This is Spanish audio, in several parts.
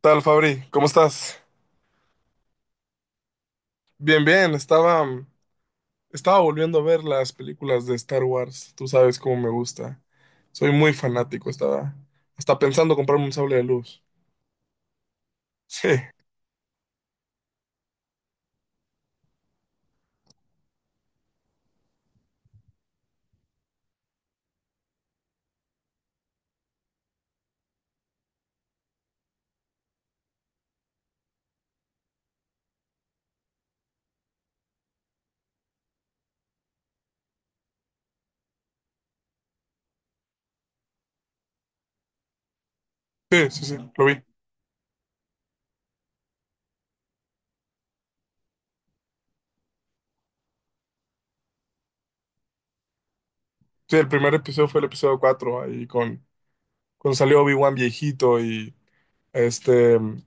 Tal, Fabri? ¿Cómo estás? Bien, bien. Estaba volviendo a ver las películas de Star Wars. Tú sabes cómo me gusta. Soy muy fanático. Estaba hasta pensando comprarme un sable de luz. Sí, sí, sí, sí, lo vi. Sí, el primer episodio fue el episodio 4 ahí con, cuando salió Obi-Wan viejito y este, mm,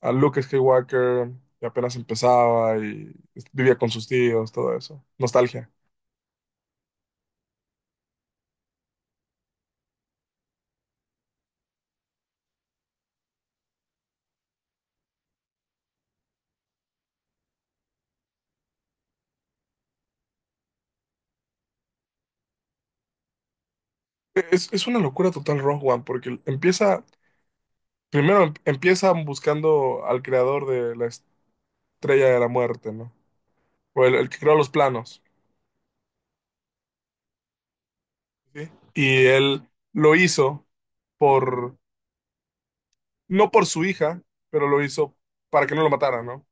a Luke Skywalker, que apenas empezaba y vivía con sus tíos, todo eso. Nostalgia. Es una locura total Rogue One, porque empieza primero empiezan buscando al creador de la estrella de la muerte, ¿no? O el que creó los planos. ¿Sí? Y él lo hizo por, no por su hija, pero lo hizo para que no lo mataran, ¿no?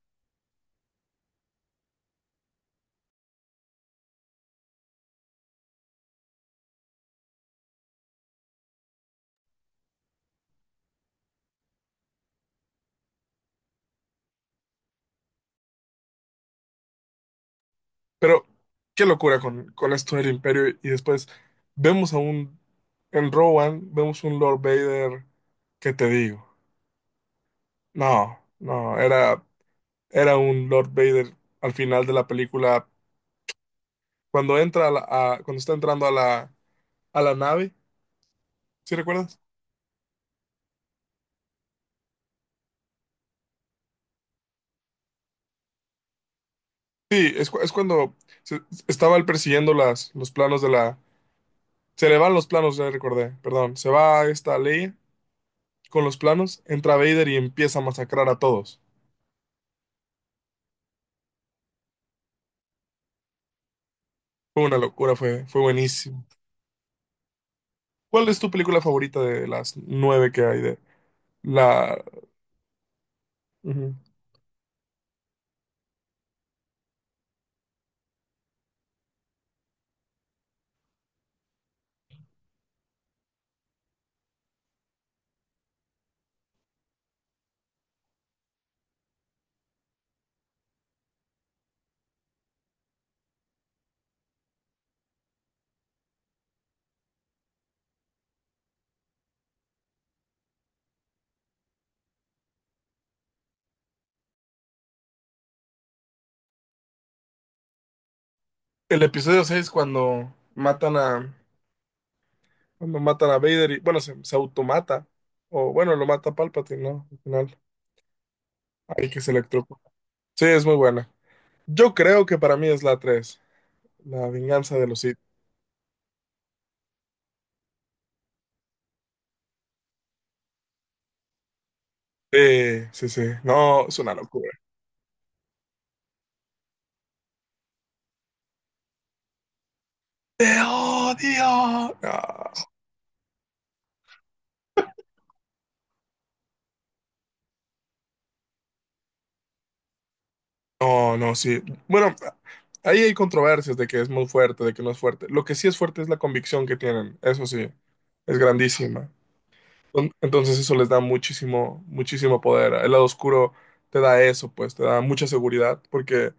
Pero qué locura con esto del imperio. Y después vemos a un, en Rowan, vemos un Lord Vader, ¿qué te digo? No, no, era, era un Lord Vader al final de la película, cuando entra a la- a- cuando está entrando a la nave. ¿Sí recuerdas? Sí, es, es cuando se- estaba él persiguiendo los planos de la... Se le van los planos, ya recordé, perdón. Se va esta ley con los planos, entra Vader y empieza a masacrar a todos. Fue una locura, fue, fue buenísimo. ¿Cuál es tu película favorita de las nueve que hay de la...? Ujú. El episodio 6 cuando matan a... Cuando matan a Vader y... Bueno, se automata. O bueno, lo mata Palpatine, ¿no? Al final, hay que se electrocuta. Sí, es muy buena. Yo creo que para mí es la tres, La venganza de los Sith. Sí, sí, sí. No, es una locura. ¡Te odio! No, no, no, sí. Bueno, ahí hay controversias de que es muy fuerte, de que no es fuerte. Lo que sí es fuerte es la convicción que tienen. Eso sí, es grandísima. Entonces eso les da muchísimo, muchísimo poder. El lado oscuro te da eso, pues, te da mucha seguridad, porque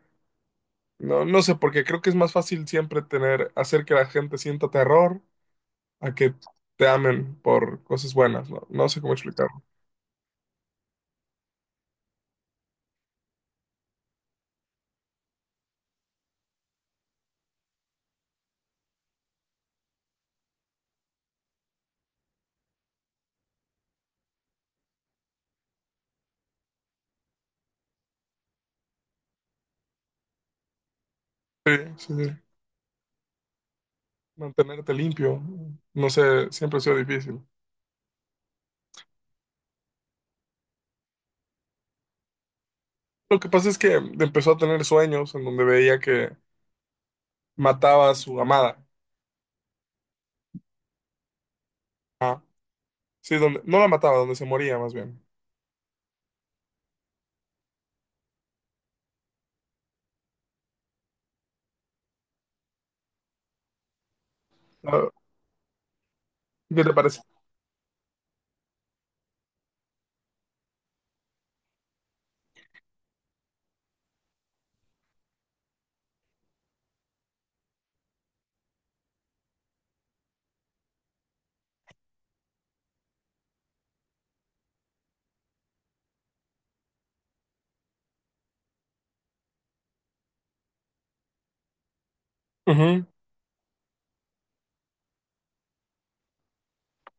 no, no sé, porque creo que es más fácil siempre tener, hacer que la gente sienta terror a que te amen por cosas buenas, ¿no? No sé cómo explicar. Sí, sí, sí. Mantenerte limpio, no sé, siempre ha sido difícil. Lo que pasa es que empezó a tener sueños en donde veía que mataba a su amada. Ah, sí, donde no la mataba, donde se moría más bien. Ah, ¿qué te parece? Ujú.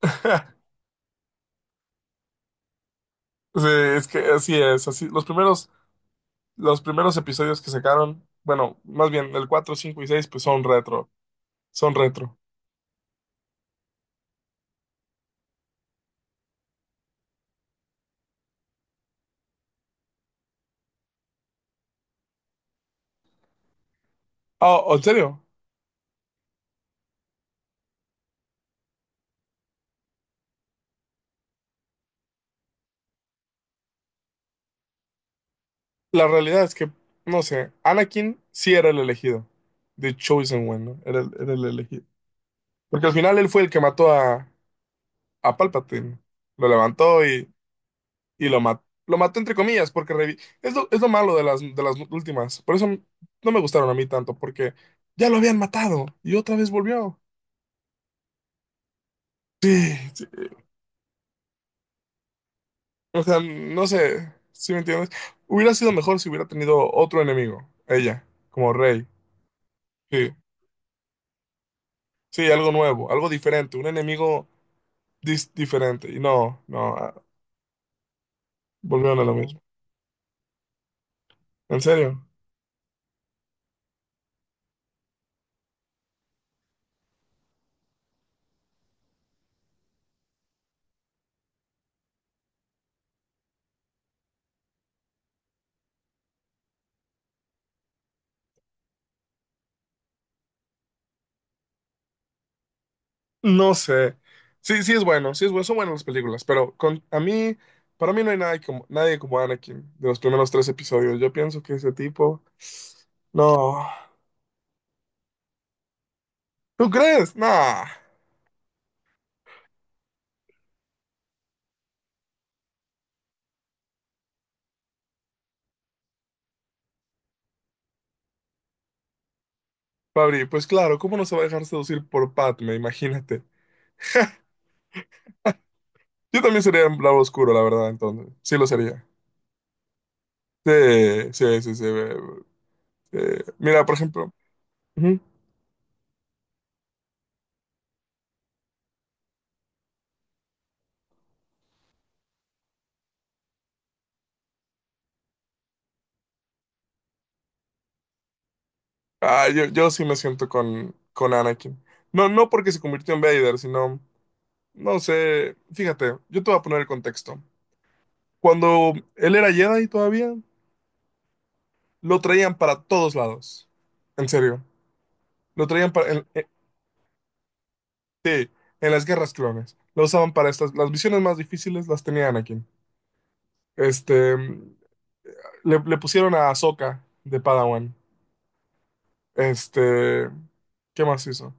Sí, es que así es, así. Los primeros episodios que sacaron, bueno, más bien el 4, 5 y 6, pues son retro, son retro. Oh, en serio, la realidad es que, no sé, Anakin sí era el elegido, The Chosen One, ¿no? Era el elegido. Porque al final él fue el que mató a Palpatine. Lo levantó y lo mató. Lo mató entre comillas, porque es lo malo de de las últimas. Por eso no me gustaron a mí tanto, porque ya lo habían matado y otra vez volvió. Sí, sí. O sea, no sé si me entiendes. Hubiera sido mejor si hubiera tenido otro enemigo, ella, como rey. Sí, sí, algo nuevo, algo diferente, un enemigo diferente. Y no, no, ah, volvieron a lo mismo. ¿En serio? No sé. Sí, sí es bueno, son buenas las películas, pero con a mí, para mí no hay nadie como, nadie como Anakin de los primeros tres episodios. Yo pienso que ese tipo, no. ¿Tú crees? Nah. Fabri, pues claro, ¿cómo no se va a dejar seducir por Padme? Imagínate. Yo también sería un lado oscuro, la verdad, entonces. Sí lo sería. Sí, sí, sí, sí. Eh, mira, por ejemplo. Ujú. Ah, yo sí me siento con Anakin. No, no porque se convirtió en Vader, sino. No sé, fíjate, yo te voy a poner el contexto. Cuando él era Jedi todavía, lo traían para todos lados. En serio, lo traían en las guerras clones. Lo usaban para estas, las misiones más difíciles las tenía Anakin. Este, le pusieron a Ahsoka de Padawan. Este, ¿qué más hizo?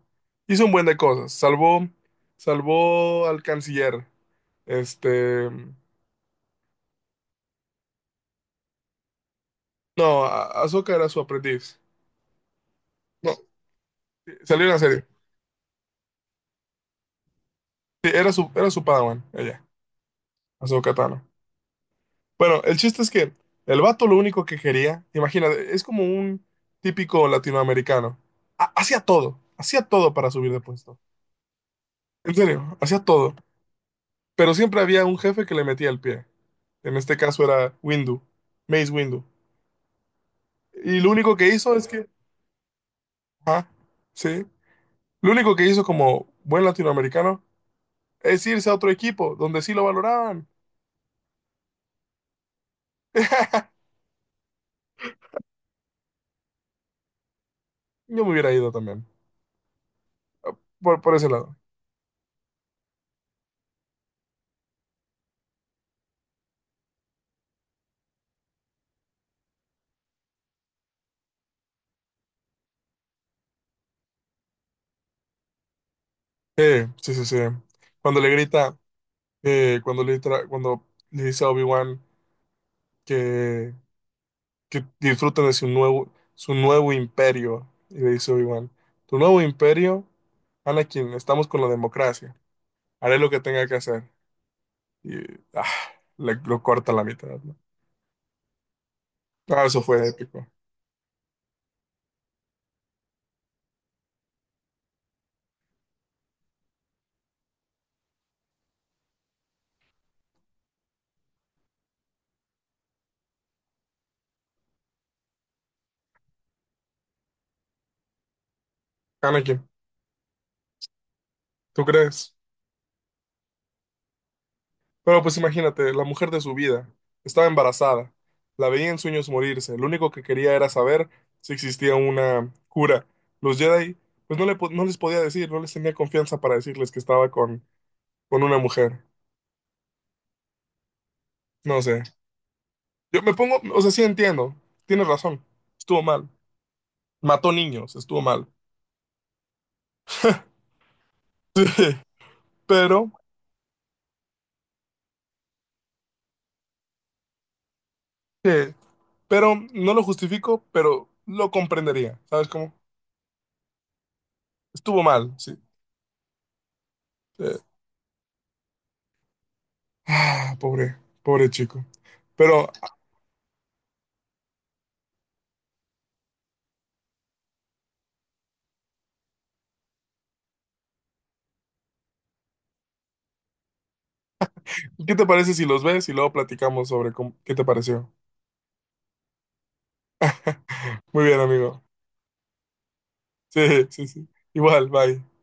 Hizo un buen de cosas. Salvó, salvó al canciller. Este, no, Ahsoka era su aprendiz. No, salió en la serie. Sí, era su padawan, ella, Ahsoka Tano. Bueno, el chiste es que el vato lo único que quería, imagínate, es como un típico latinoamericano. Hacía todo para subir de puesto. En serio, hacía todo. Pero siempre había un jefe que le metía el pie. En este caso era Windu, Mace Windu. Y lo único que hizo es que, ajá, sí, lo único que hizo como buen latinoamericano es irse a otro equipo donde sí lo valoraban. Yo me hubiera ido también, por ese lado. Sí, sí, sí, sí. Cuando le grita, cuando cuando le dice a Obi-Wan que, que disfruten de su nuevo imperio, y le dice Obi-Wan, tu nuevo imperio, Anakin, estamos con la democracia, haré lo que tenga que hacer. Y ah, le, lo corta a la mitad, ¿no? Ah, eso fue épico. Anakin, ¿tú crees? Pero pues imagínate, la mujer de su vida estaba embarazada, la veía en sueños morirse, lo único que quería era saber si existía una cura. Los Jedi, pues no, no les podía decir, no les tenía confianza para decirles que estaba con una mujer. No sé. Yo me pongo, o sea, sí entiendo, tienes razón, estuvo mal. Mató niños, estuvo mal. Pero, ¿qué? Pero no lo justifico, pero lo comprendería, ¿sabes cómo? Estuvo mal, sí. Eh, ah, pobre, pobre chico. Pero ¿qué te parece si los ves y luego platicamos sobre cómo- qué te pareció? Muy bien, amigo. Sí, sí, sí. Igual, bye.